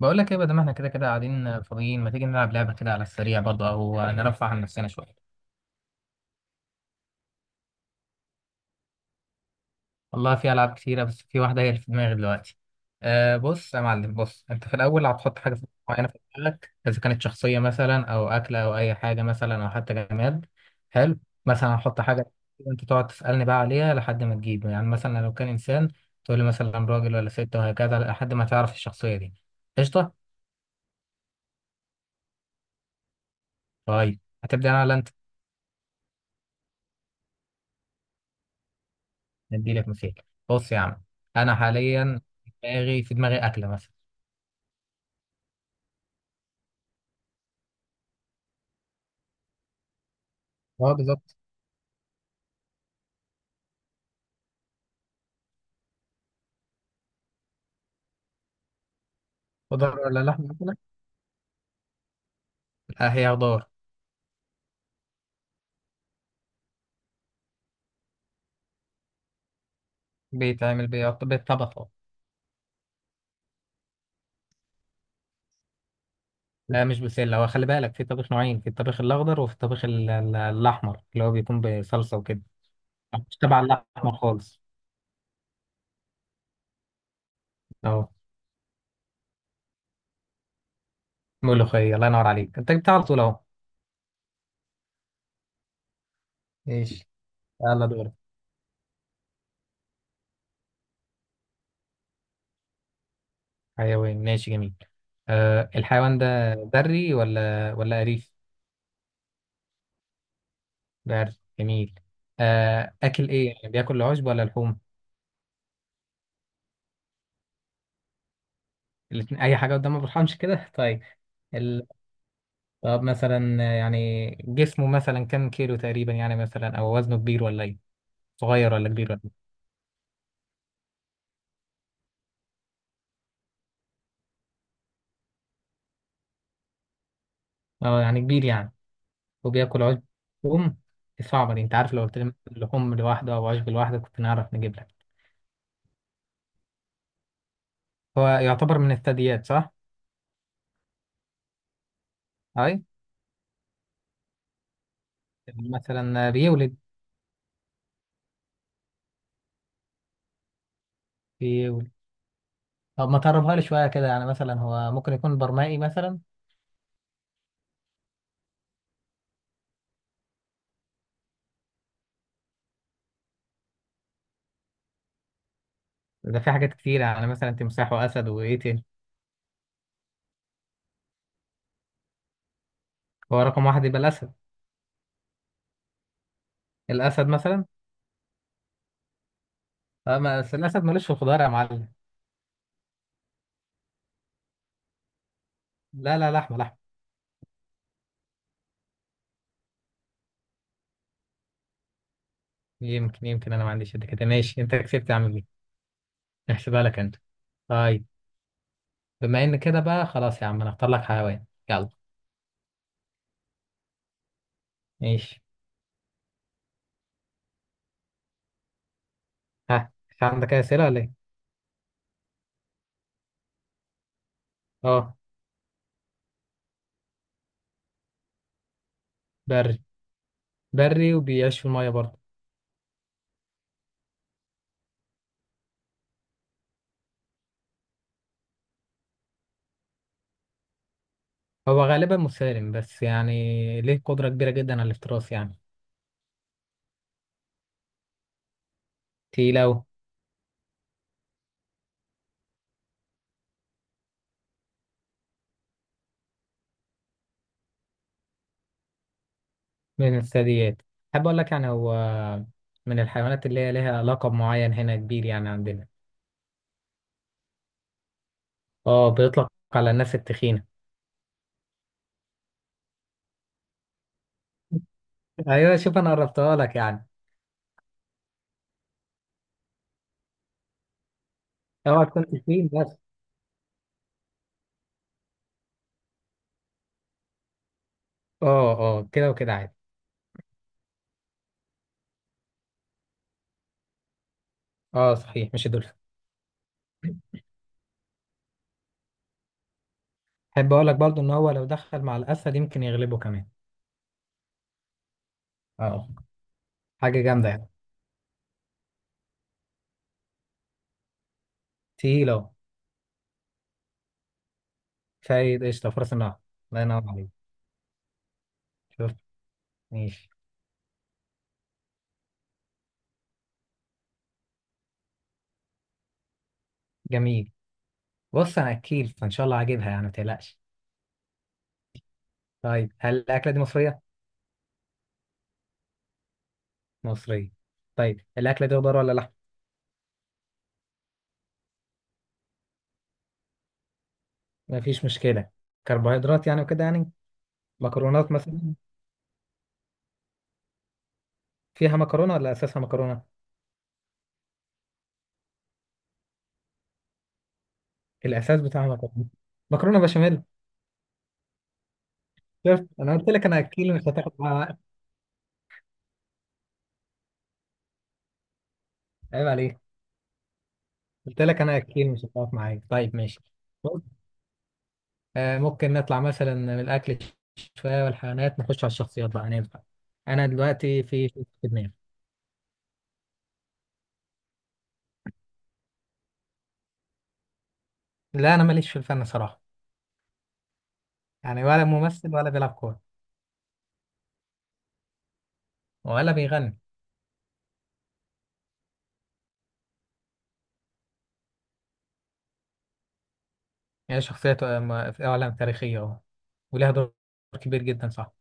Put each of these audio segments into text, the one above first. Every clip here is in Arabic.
بقول لك ايه، بدل ما احنا كده كده قاعدين فاضيين، ما تيجي نلعب لعبه كده على السريع برضه او نرفع عن نفسنا شويه. والله في العاب كتيره، بس في واحده هي اللي في دماغي دلوقتي. أه، بص يا معلم، بص انت في الاول هتحط حاجه معينه في دماغك، اذا كانت شخصيه مثلا او اكله او اي حاجه مثلا او حتى جماد. حلو. مثلا هحط حاجه وانت تقعد تسالني بقى عليها لحد ما تجيب. يعني مثلا لو كان انسان، تقول لي مثلا راجل ولا ست، وهكذا لحد ما تعرف الشخصيه دي. قشطه. طيب هتبدا انا ولا انت؟ نديلك مثال. بص يا عم، انا حاليا دماغي، في دماغي اكله مثلا. اه بالظبط. خضار ولا لحم مثلا؟ لا، هي خضار. بالطبخ أهو. لا مش بسله، هو خلي بالك في طبخ نوعين: في الطبخ الاخضر، وفي الطبخ الاحمر اللي هو بيكون بصلصه وكده. مش تبع الاحمر خالص. اهو، ملوخيه، الله ينور عليك، انت جبتها على طول اهو. ماشي، يلا دورك. حيوان؟ ماشي، جميل. أه، الحيوان ده بري ولا أليف؟ بري. جميل. أه، أكل إيه؟ يعني بياكل العشب ولا لحوم؟ الاتنين اي حاجه قدام، ما برحمش كده، طيب. ال... طب مثلا يعني جسمه مثلا كام كيلو تقريبا يعني، مثلا او وزنه كبير ولا ايه؟ صغير ولا كبير ولا إيه؟ اه يعني كبير يعني. وبياكل عشب؟ لحوم؟ صعبة دي، انت عارف لو قلت لي مثلاً لحوم لوحده او عشب لوحده، كنت نعرف نجيب لك. هو يعتبر من الثدييات، صح؟ اي. مثلا بيولد. طب ما تقربها لي شويه كده، يعني مثلا هو ممكن يكون برمائي مثلا؟ ده في حاجات كتيره يعني، مثلا تمساح واسد، وايه تاني؟ هو رقم واحد يبقى الاسد. الاسد مثلا. اه، ما بس الاسد ملوش في الخضار يا معلم. لا لا، لحمه لحمه. يمكن انا ما عنديش قد كده. ماشي، انت كسبت يا عم بيه. احسبها لك انت. طيب، بما ان كده بقى خلاص يا عم، انا اختار لك حيوان، يلا. ماشي. ها، مش عندك اي اسئله ولا ايه؟ اه. بري. بري وبيعيش في الميه برضه. هو غالبا مسالم، بس يعني ليه قدره كبيره جدا على الافتراس يعني. تقيله. من الثدييات. احب اقول لك يعني هو من الحيوانات اللي هي ليها لقب معين هنا كبير يعني عندنا. اه، بيطلق على الناس التخينه. ايوه، شوف انا قربتها لك يعني. اوعى تكون تخين بس. اه اه، كده وكده عادي. اه صحيح، مش الدولفين. احب اقول لك برضو ان هو لو دخل مع الاسد يمكن يغلبه كمان. اه، حاجه جامده يعني. تقيل اهو. فايد قشطه، فرس النهر. الله ينور عليك. شوف. ماشي. جميل. بص انا اكيل، فان شاء الله هجيبها يعني، ما تقلقش. طيب، هل الاكله دي مصريه؟ مصريه. طيب الاكله دي خضار ولا لحم؟ مفيش مشكله. كربوهيدرات يعني وكده يعني؟ مكرونات مثلا. فيها مكرونه ولا اساسها مكرونه؟ الاساس بتاعها مكرونه. مكرونه بشاميل. شفت، انا قلت لك انا اكيل مش هتاخد معايا وقت. عيب عليك. قلت لك انا اكيل مش هتقف معايا، طيب ماشي. بص، ممكن نطلع مثلا من الاكل شويه والحيوانات، نخش على الشخصيات بقى، ننفع؟ انا دلوقتي في شخص في دماغي. لا، انا ماليش في الفن صراحه. يعني ولا ممثل ولا بيلعب كوره ولا بيغني. هي شخصيه، في اعلام تاريخيه اهو، ولها دور كبير جدا، صح؟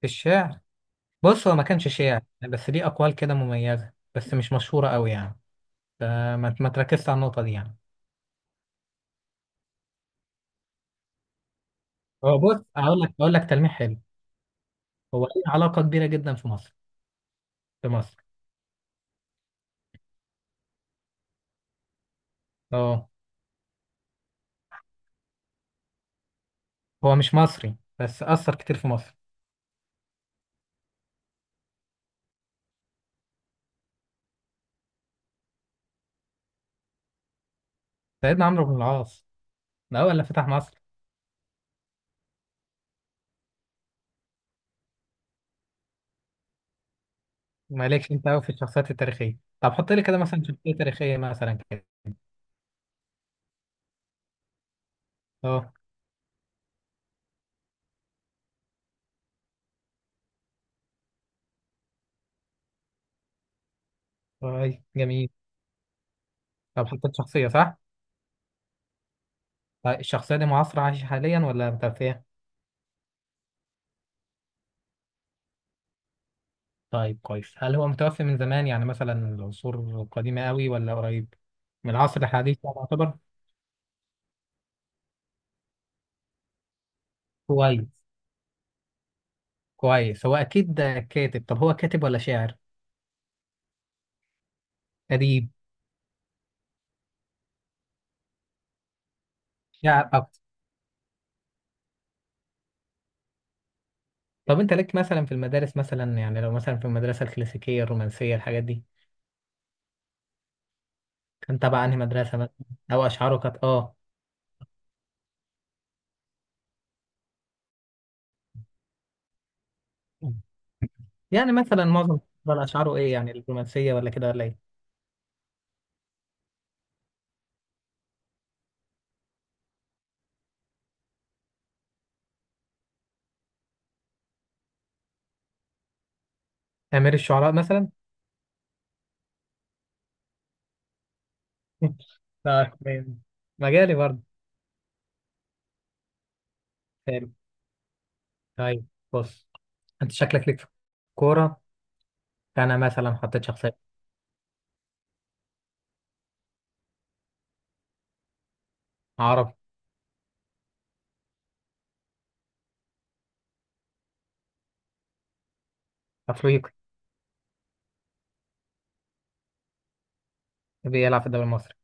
في الشعر. بص، هو ما كانش شاعر، بس ليه اقوال كده مميزه، بس مش مشهوره قوي يعني. فما ما تركزش على النقطه دي يعني. هو بص، اقول لك تلميح حلو. هو ليه علاقه كبيره جدا في مصر. اه، هو مش مصري، بس اثر كتير في مصر. سيدنا عمرو بن العاص. ده اول اللي فتح مصر. مالكش انت قوي في الشخصيات التاريخيه. طب حط لي كده مثلا شخصيه تاريخيه مثلا كده. اه. طيب جميل. طب حطيت شخصيه، صح؟ طيب الشخصيه دي معاصره عايشه حاليا ولا متوفيه؟ طيب كويس. هل هو متوفي من زمان، يعني مثلا العصور القديمه قوي، ولا قريب من العصر الحديث يعني يعتبر؟ كويس. كويس. هو اكيد كاتب. طب هو كاتب ولا شاعر؟ أديب. شعر أكتر. طب أنت لك مثلا في المدارس مثلا، يعني لو مثلا في المدرسة الكلاسيكية الرومانسية، الحاجات دي، كان تبع أنهي مدرسة مثلا؟ أو أشعاره كانت آه يعني مثلا معظم الشعراء أشعاره إيه يعني، الرومانسية ولا كده ولا إيه؟ أمير الشعراء مثلا. لا تمام. مجالي برضه. حلو. طيب، بص، أنت شكلك ليك في كورة. أنا مثلا حطيت شخصية. عربي. أفريقي. بيلعب في الدوري المصري.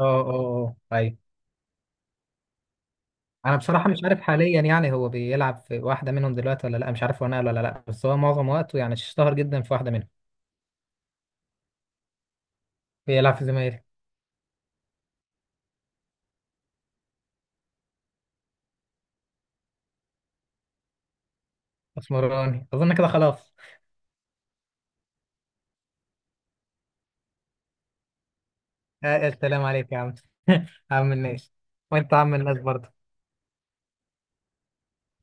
آه آه آه أيوه. انا بصراحه مش عارف حاليا، يعني هو بيلعب في واحده منهم دلوقتي ولا لا، مش عارف هو نقل ولا لا، بس هو معظم وقته يعني اشتهر جدا في واحده منهم. بيلعب في زمايلي. اسمراني اظن، كده خلاص. السلام عليك يا عم. عم الناس. وانت عم الناس برضه.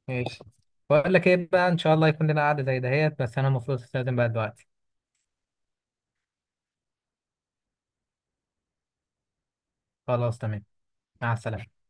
ماشي. بقول لك ايه بقى، ان شاء الله يكون لنا قعده زي دهيت، بس انا المفروض استخدم بقى دلوقتي. خلاص تمام. مع السلامه.